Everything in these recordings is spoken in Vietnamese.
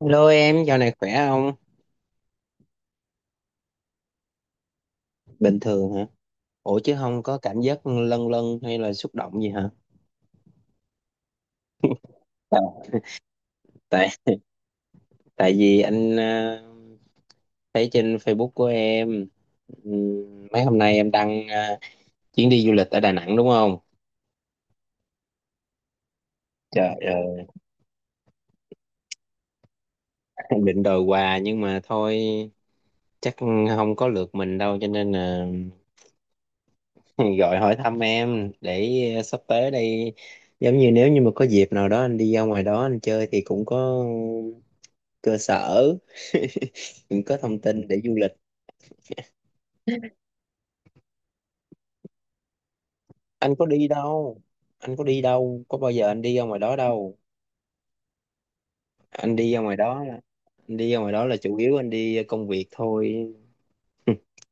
Hello em, dạo này khỏe không? Bình thường hả? Ủa chứ không có cảm giác lâng lâng hay là xúc động gì hả? Tại tại tại vì anh thấy trên Facebook của em. Mấy hôm nay em đăng chuyến đi du lịch ở Đà Nẵng đúng không? Trời ơi. Em định đòi quà nhưng mà thôi, chắc không có lượt mình đâu cho nên là gọi hỏi thăm em để sắp tới đây, giống như nếu như mà có dịp nào đó anh đi ra ngoài đó anh chơi thì cũng có cơ sở, những có thông tin để du lịch. Anh có đi đâu anh có đi đâu có bao giờ anh đi ra ngoài đó đâu. anh đi ra ngoài đó là- anh đi ra ngoài đó là chủ yếu anh đi công việc thôi.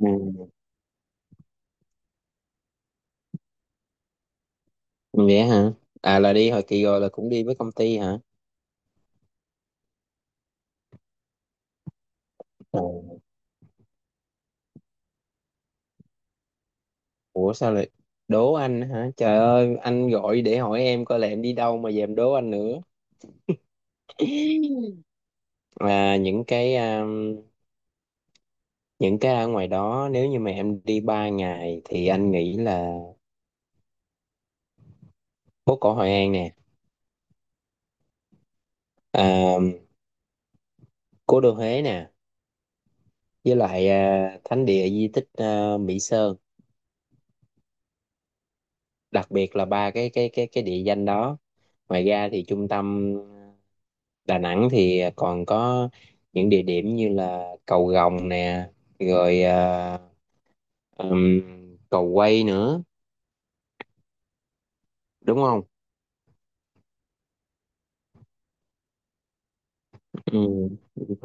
Ừ. Vậy hả? À, là đi hồi kỳ rồi là cũng đi với công ty hả? Ồ. Ủa sao lại đố anh hả? Trời ơi, anh gọi để hỏi em coi là em đi đâu mà giờ em đố anh nữa. À, những cái ở ngoài đó nếu như mà em đi 3 ngày thì anh nghĩ là phố cổ Hội An nè, à, cố đô Huế nè, với lại à, thánh địa di tích, à, Mỹ Sơn. Đặc biệt là ba cái địa danh đó. Ngoài ra thì trung tâm Đà Nẵng thì còn có những địa điểm như là cầu Rồng nè, rồi à, ừm, cầu Quay nữa, đúng không? Ừ.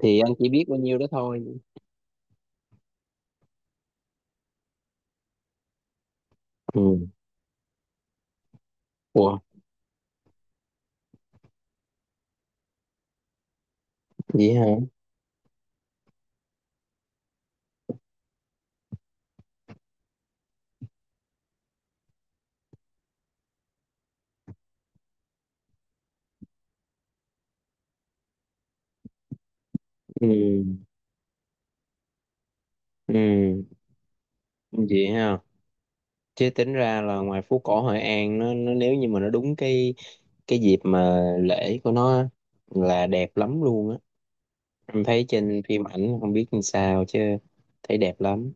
Thì anh chỉ biết bao nhiêu đó thôi. Ừ. Ủa vậy hả? Ừ. Ừ. Vậy ha, chứ tính ra là ngoài phố cổ Hội An, nó nếu như mà nó đúng cái dịp mà lễ của nó á, là đẹp lắm luôn á. Em thấy trên phim ảnh không biết như sao chứ, thấy đẹp lắm.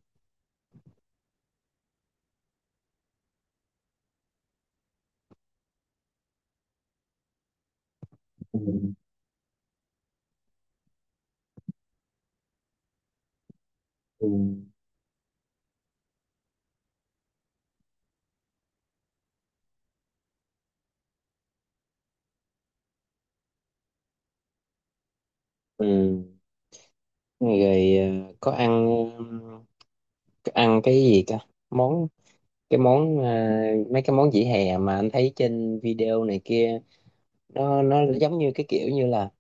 Ừ. Ừ. Ừ. Rồi, ờ, có ăn có ăn cái gì cả? món cái món, mấy cái món vỉa hè mà anh thấy trên video này kia, nó giống như cái kiểu như là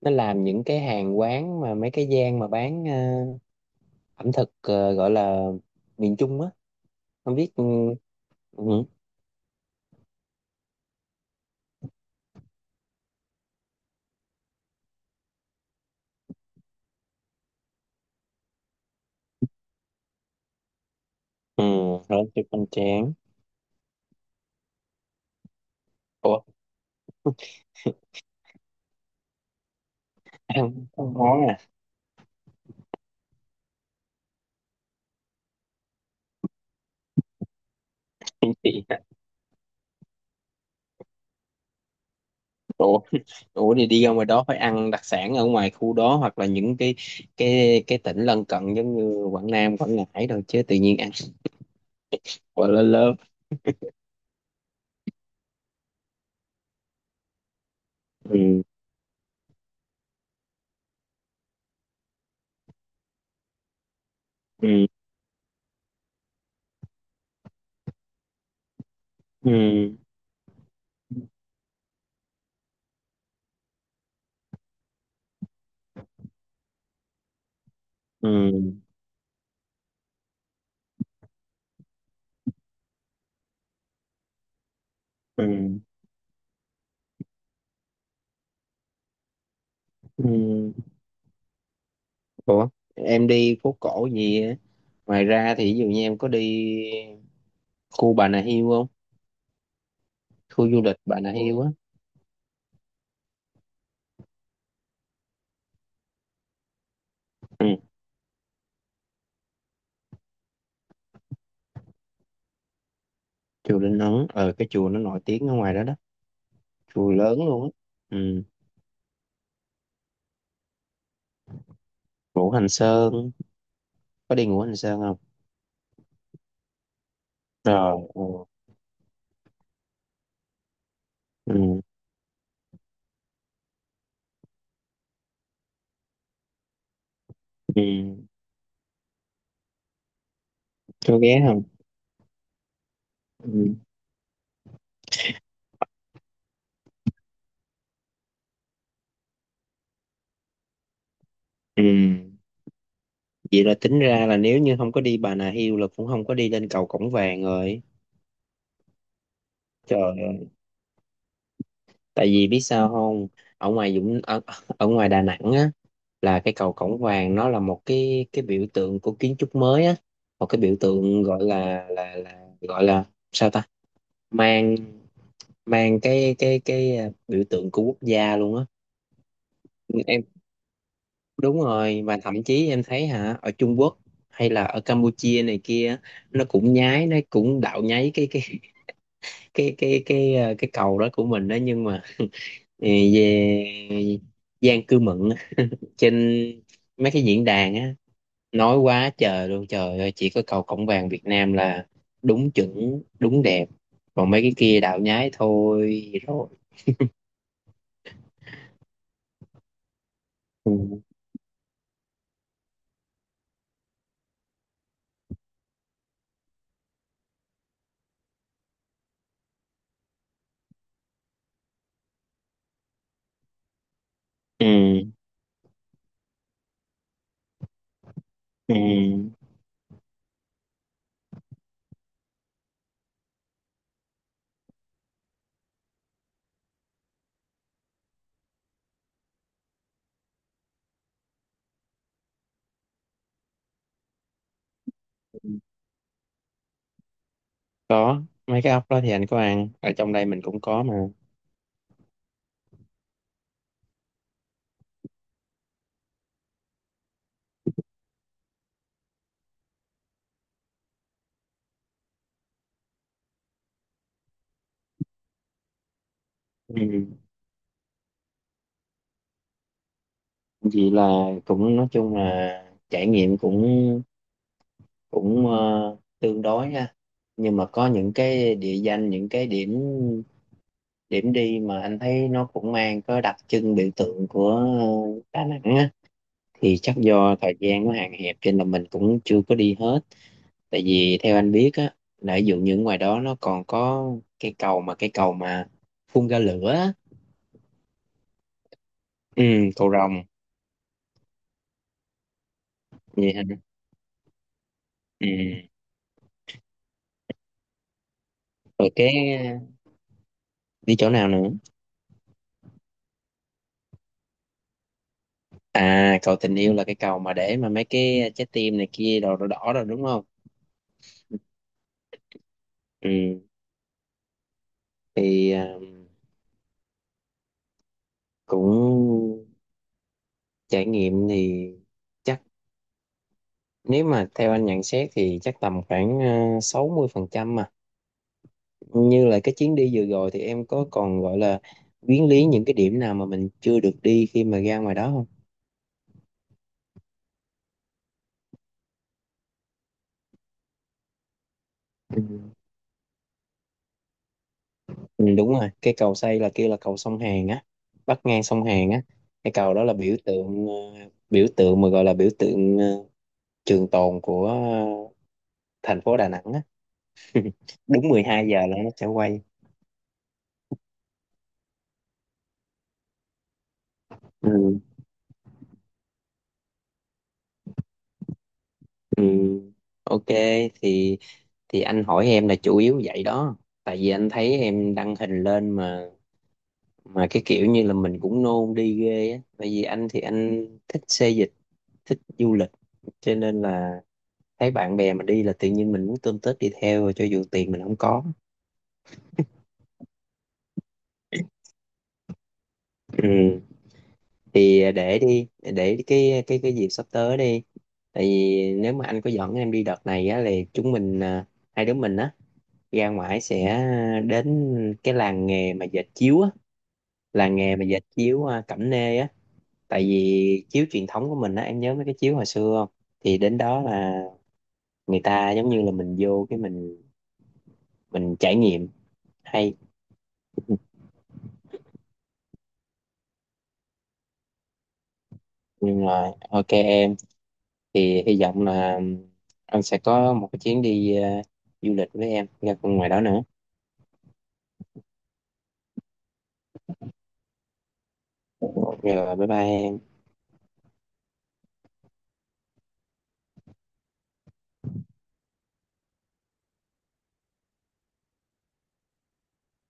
nó làm những cái hàng quán mà mấy cái gian mà bán ẩm thực, gọi là miền Trung á. Không biết. Ừ, ừ, ừ, rồi chụp hoành tráng. Ủa, ăn ăn món à? Chị- ủa ủa thì đi ra ngoài đó phải ăn đặc sản ở ngoài khu đó, hoặc là những cái cái tỉnh lân cận giống như Quảng Nam Quảng Ngãi rồi, chứ tự nhiên ăn quá lớn lớn. Ừ. Ừ. Ừ. Ừ. Ừ. Ừ. Ủa em đi phố cổ gì á? Ngoài ra thì ví dụ như em có đi khu Bà Nà Hills không? Khu du lịch Bà Nà Hills á. Ừ, chùa Linh Ấn, cái chùa nó nổi tiếng ở ngoài đó đó. Chùa lớn luôn á. Ừ. Ngũ Hành Sơn, có đi Ngũ Hành Sơn không? Rồi. Ừ, ừ, ừ, có ghé không? Ừ. Ừ. Vậy là tính ra là nếu như không có đi Bà Nà Hills là cũng không có đi lên cầu Cổng Vàng rồi. Trời ơi, tại vì biết sao không? Ở ngoài Dũng ở, ở ngoài Đà Nẵng á, là cái cầu Cổng Vàng nó là một cái biểu tượng của kiến trúc mới á, một cái biểu tượng gọi là sao ta? Mang mang cái à, biểu tượng của quốc gia luôn á. Em Đúng rồi, và thậm chí em thấy hả, ở Trung Quốc hay là ở Campuchia này kia, nó cũng nhái, nó cũng đạo nháy cái cái cầu đó của mình đó, nhưng mà ờ, về Giang Cư Mận á, trên mấy cái diễn đàn á, nói quá trời luôn, trời ơi, chỉ có cầu Cổng Vàng Việt Nam là đúng chuẩn đúng đẹp, còn mấy cái kia đạo nhái thôi rồi. Ừ. Ừ. Có, mấy cái ốc đó thì anh có ăn, ở trong đây mình cũng có mà. Ừ. Vậy là cũng nói chung là trải nghiệm cũng cũng ờ, tương đối ha. Nhưng mà có những cái địa danh, những cái điểm điểm đi mà anh thấy nó cũng mang có đặc trưng biểu tượng của Đà Nẵng á, thì chắc do thời gian nó hạn hẹp cho nên là mình cũng chưa có đi hết. Tại vì theo anh biết á, là ví dụ như ngoài đó nó còn có cái cầu mà phun ra lửa á. Ừ, cầu Rồng. Vậy hả? Ừ. Rồi cái đi chỗ nào nữa? À, cầu tình yêu là cái cầu mà để mà mấy cái trái tim này kia đỏ đỏ đỏ rồi, đúng không? Ừ, thì à, cũng trải nghiệm thì chắc, nếu mà theo anh nhận xét thì chắc tầm khoảng à, 60% mà. Như là cái chuyến đi vừa rồi thì em có còn gọi là quyến lý những cái điểm nào mà mình chưa được đi khi mà ra ngoài đó không? Ừ. Ừ, đúng rồi, cái cầu xây là kia là cầu sông Hàn á, bắt ngang sông Hàn á. Cái cầu đó là biểu tượng, biểu tượng mà gọi là biểu tượng à, trường tồn của thành phố Đà Nẵng á. Đúng 12 giờ là nó sẽ quay. Ừ. Ừ. OK, thì thì anh hỏi em là chủ yếu vậy đó. Tại vì anh thấy em đăng hình lên, mà cái kiểu như là mình cũng nôn đi ghê á. Tại vì anh thì anh thích xê dịch, thích du lịch, cho nên là thấy bạn bè mà đi là tự nhiên mình muốn tôm tết đi theo rồi, cho dù tiền mình không có. Ừ. Thì để cái dịp sắp tới đi, tại vì nếu mà anh có dẫn em đi đợt này á thì chúng mình à, hai đứa mình á, ra ngoài sẽ đến cái làng nghề mà dệt chiếu á, làng nghề mà dệt chiếu à, Cẩm Nê á. Tại vì chiếu truyền thống của mình á, em nhớ mấy cái chiếu hồi xưa không? Thì đến đó là, người ta giống như là mình vô cái mình trải nghiệm, hay. Nhưng mà OK em, thì hy vọng là anh sẽ có một cái chuyến đi à, du lịch với em ra ngoài đó nữa. Rồi, bye bye em.